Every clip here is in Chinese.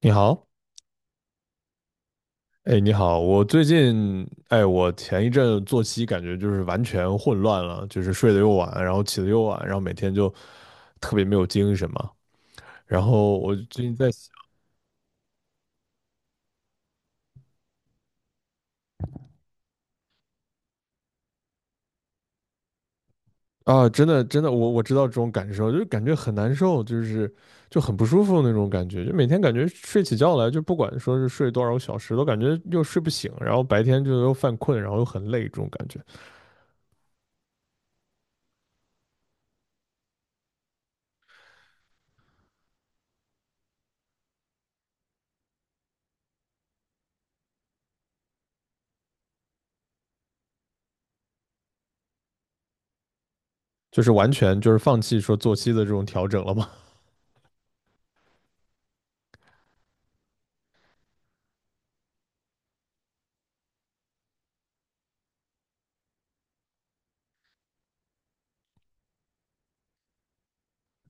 你好，哎，你好，我最近，哎，我前一阵作息感觉就是完全混乱了，就是睡得又晚，然后起得又晚，然后每天就特别没有精神嘛。然后我最近在想啊。真的，真的，我知道这种感受，就是感觉很难受，就是就很不舒服那种感觉，就每天感觉睡起觉来，就不管说是睡多少个小时，都感觉又睡不醒，然后白天就又犯困，然后又很累，这种感觉，就是完全就是放弃说作息的这种调整了嘛。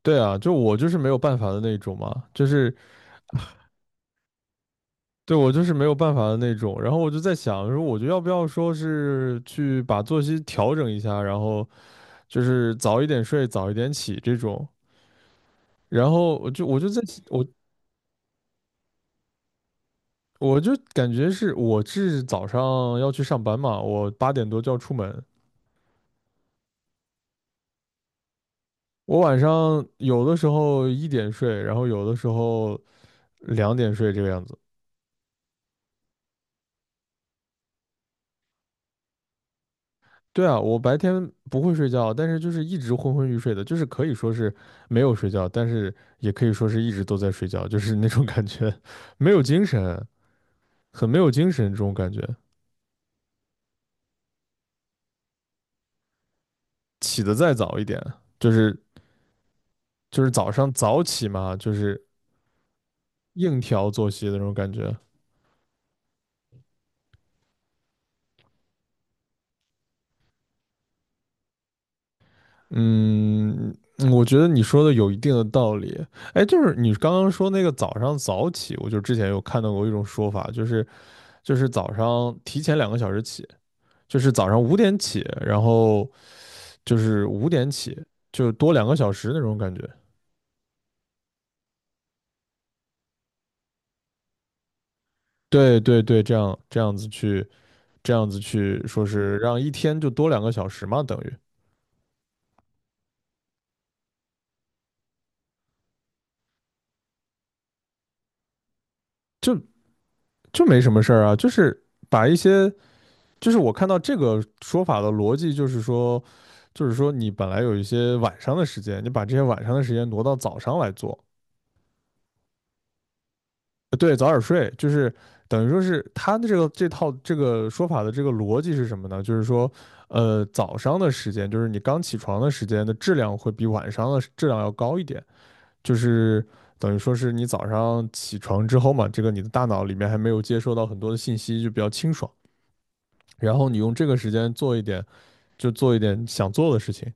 对啊，就我就是没有办法的那种嘛，就是对我就是没有办法的那种。然后我就在想，说我就要不要说是去把作息调整一下，然后就是早一点睡，早一点起这种。然后我我就感觉是我是早上要去上班嘛，我8点多就要出门。我晚上有的时候一点睡，然后有的时候2点睡这个样子。对啊，我白天不会睡觉，但是就是一直昏昏欲睡的，就是可以说是没有睡觉，但是也可以说是一直都在睡觉，就是那种感觉。没有精神，很没有精神这种感觉。起得再早一点，就是就是早上早起嘛，就是硬调作息的那种感觉。嗯。我觉得你说的有一定的道理。哎，就是你刚刚说那个早上早起，我就之前有看到过一种说法，就是早上提前两个小时起。就是早上五点起，然后就是五点起，就多两个小时那种感觉。对对对，这样子去说是让一天就多两个小时嘛，等于就就没什么事儿啊，就是把一些，就是我看到这个说法的逻辑，就是说你本来有一些晚上的时间，你把这些晚上的时间挪到早上来做。对，早点睡，就是等于说是他的这个这套这个说法的这个逻辑是什么呢？就是说，早上的时间，就是你刚起床的时间的质量会比晚上的质量要高一点，就是等于说是你早上起床之后嘛，这个你的大脑里面还没有接收到很多的信息，就比较清爽，然后你用这个时间做一点，就做一点想做的事情，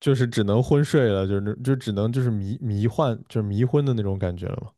就是只能昏睡了，就是那就只能就是迷迷幻，就是迷昏的那种感觉了嘛。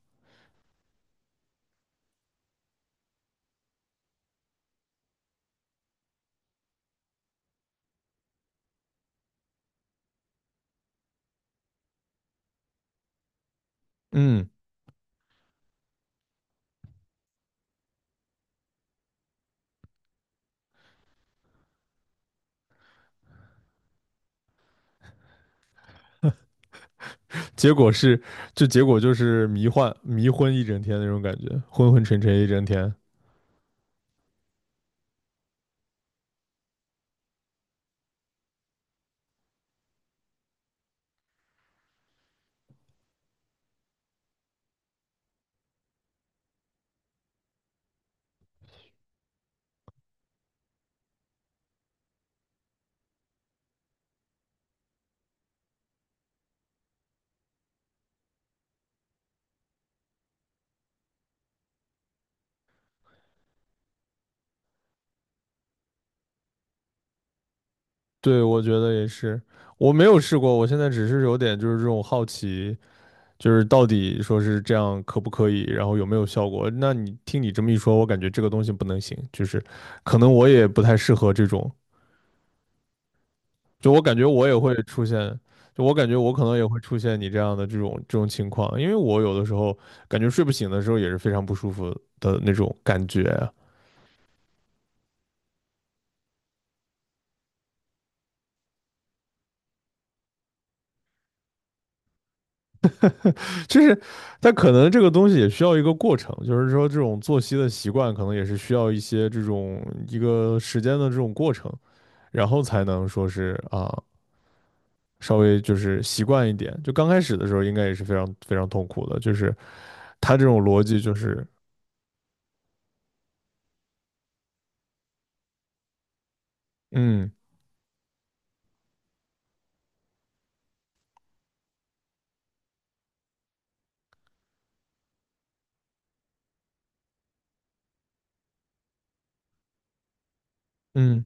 结果是，就结果就是迷幻迷昏一整天那种感觉，昏昏沉沉一整天。对，我觉得也是，我没有试过，我现在只是有点就是这种好奇，就是到底说是这样可不可以，然后有没有效果？那你听你这么一说，我感觉这个东西不能行，就是可能我也不太适合这种，就我感觉我也会出现。就我感觉，我可能也会出现你这样的这种情况，因为我有的时候感觉睡不醒的时候也是非常不舒服的那种感觉啊，就是但可能这个东西也需要一个过程，就是说这种作息的习惯可能也是需要一些这种一个时间的这种过程，然后才能说是啊稍微就是习惯一点。就刚开始的时候应该也是非常非常痛苦的，就是他这种逻辑就是。嗯嗯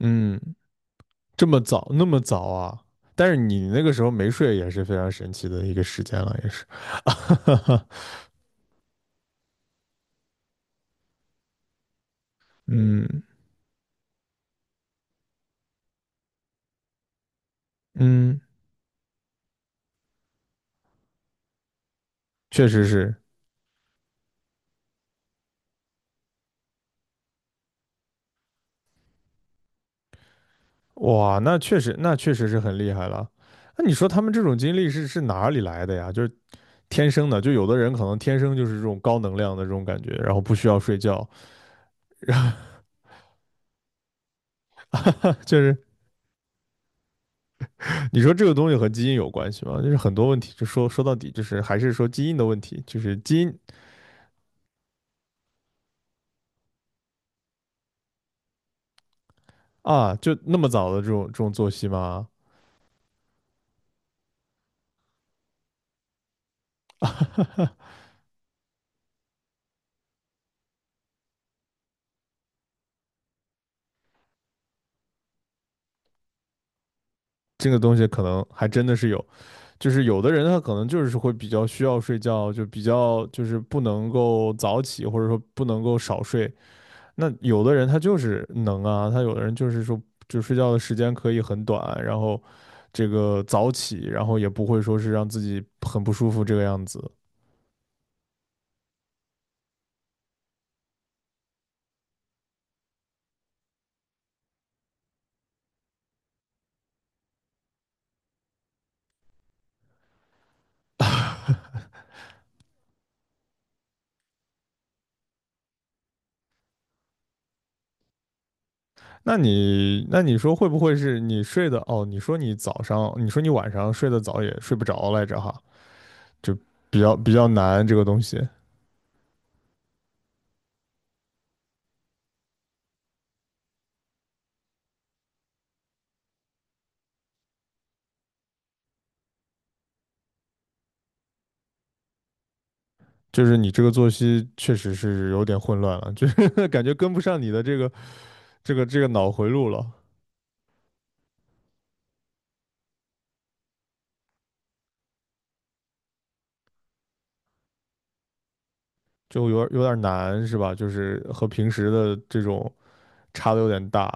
嗯。这么早那么早啊？但是你那个时候没睡也是非常神奇的一个时间了，也是。嗯嗯，确实是。哇，那确实，那确实是很厉害了。那你说他们这种经历是哪里来的呀？就是天生的，就有的人可能天生就是这种高能量的这种感觉，然后不需要睡觉。就是你说这个东西和基因有关系吗？就是很多问题，就说说到底，就是还是说基因的问题，就是基因啊，就那么早的这种作息吗？这个东西可能还真的是有，就是有的人他可能就是会比较需要睡觉，就比较就是不能够早起，或者说不能够少睡。那有的人他就是能啊，他有的人就是说，就睡觉的时间可以很短，然后这个早起，然后也不会说是让自己很不舒服这个样子。那你说会不会是你睡的哦？你说你早上，你说你晚上睡得早也睡不着来着哈，就比较难这个东西。就是你这个作息确实是有点混乱了，就是 感觉跟不上你的这个脑回路了，就有点难是吧？就是和平时的这种。差的有点大。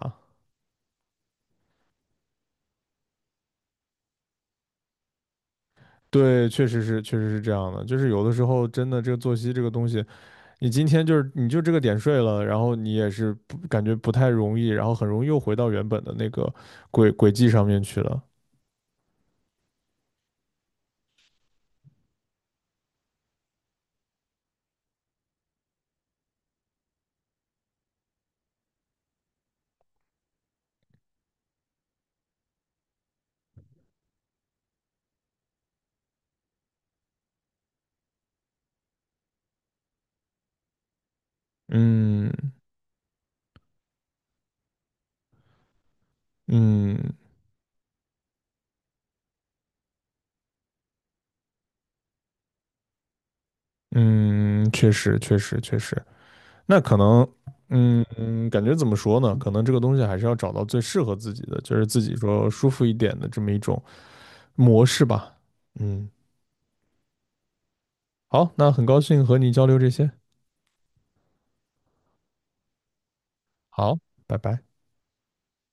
对，确实是，确实是这样的。就是有的时候，真的这个作息这个东西，你今天就是你就这个点睡了，然后你也是不感觉不太容易，然后很容易又回到原本的那个轨迹上面去了。嗯嗯嗯，确实确实确实。那可能，感觉怎么说呢？可能这个东西还是要找到最适合自己的，就是自己说舒服一点的这么一种模式吧。嗯，好，那很高兴和你交流这些。好，拜拜。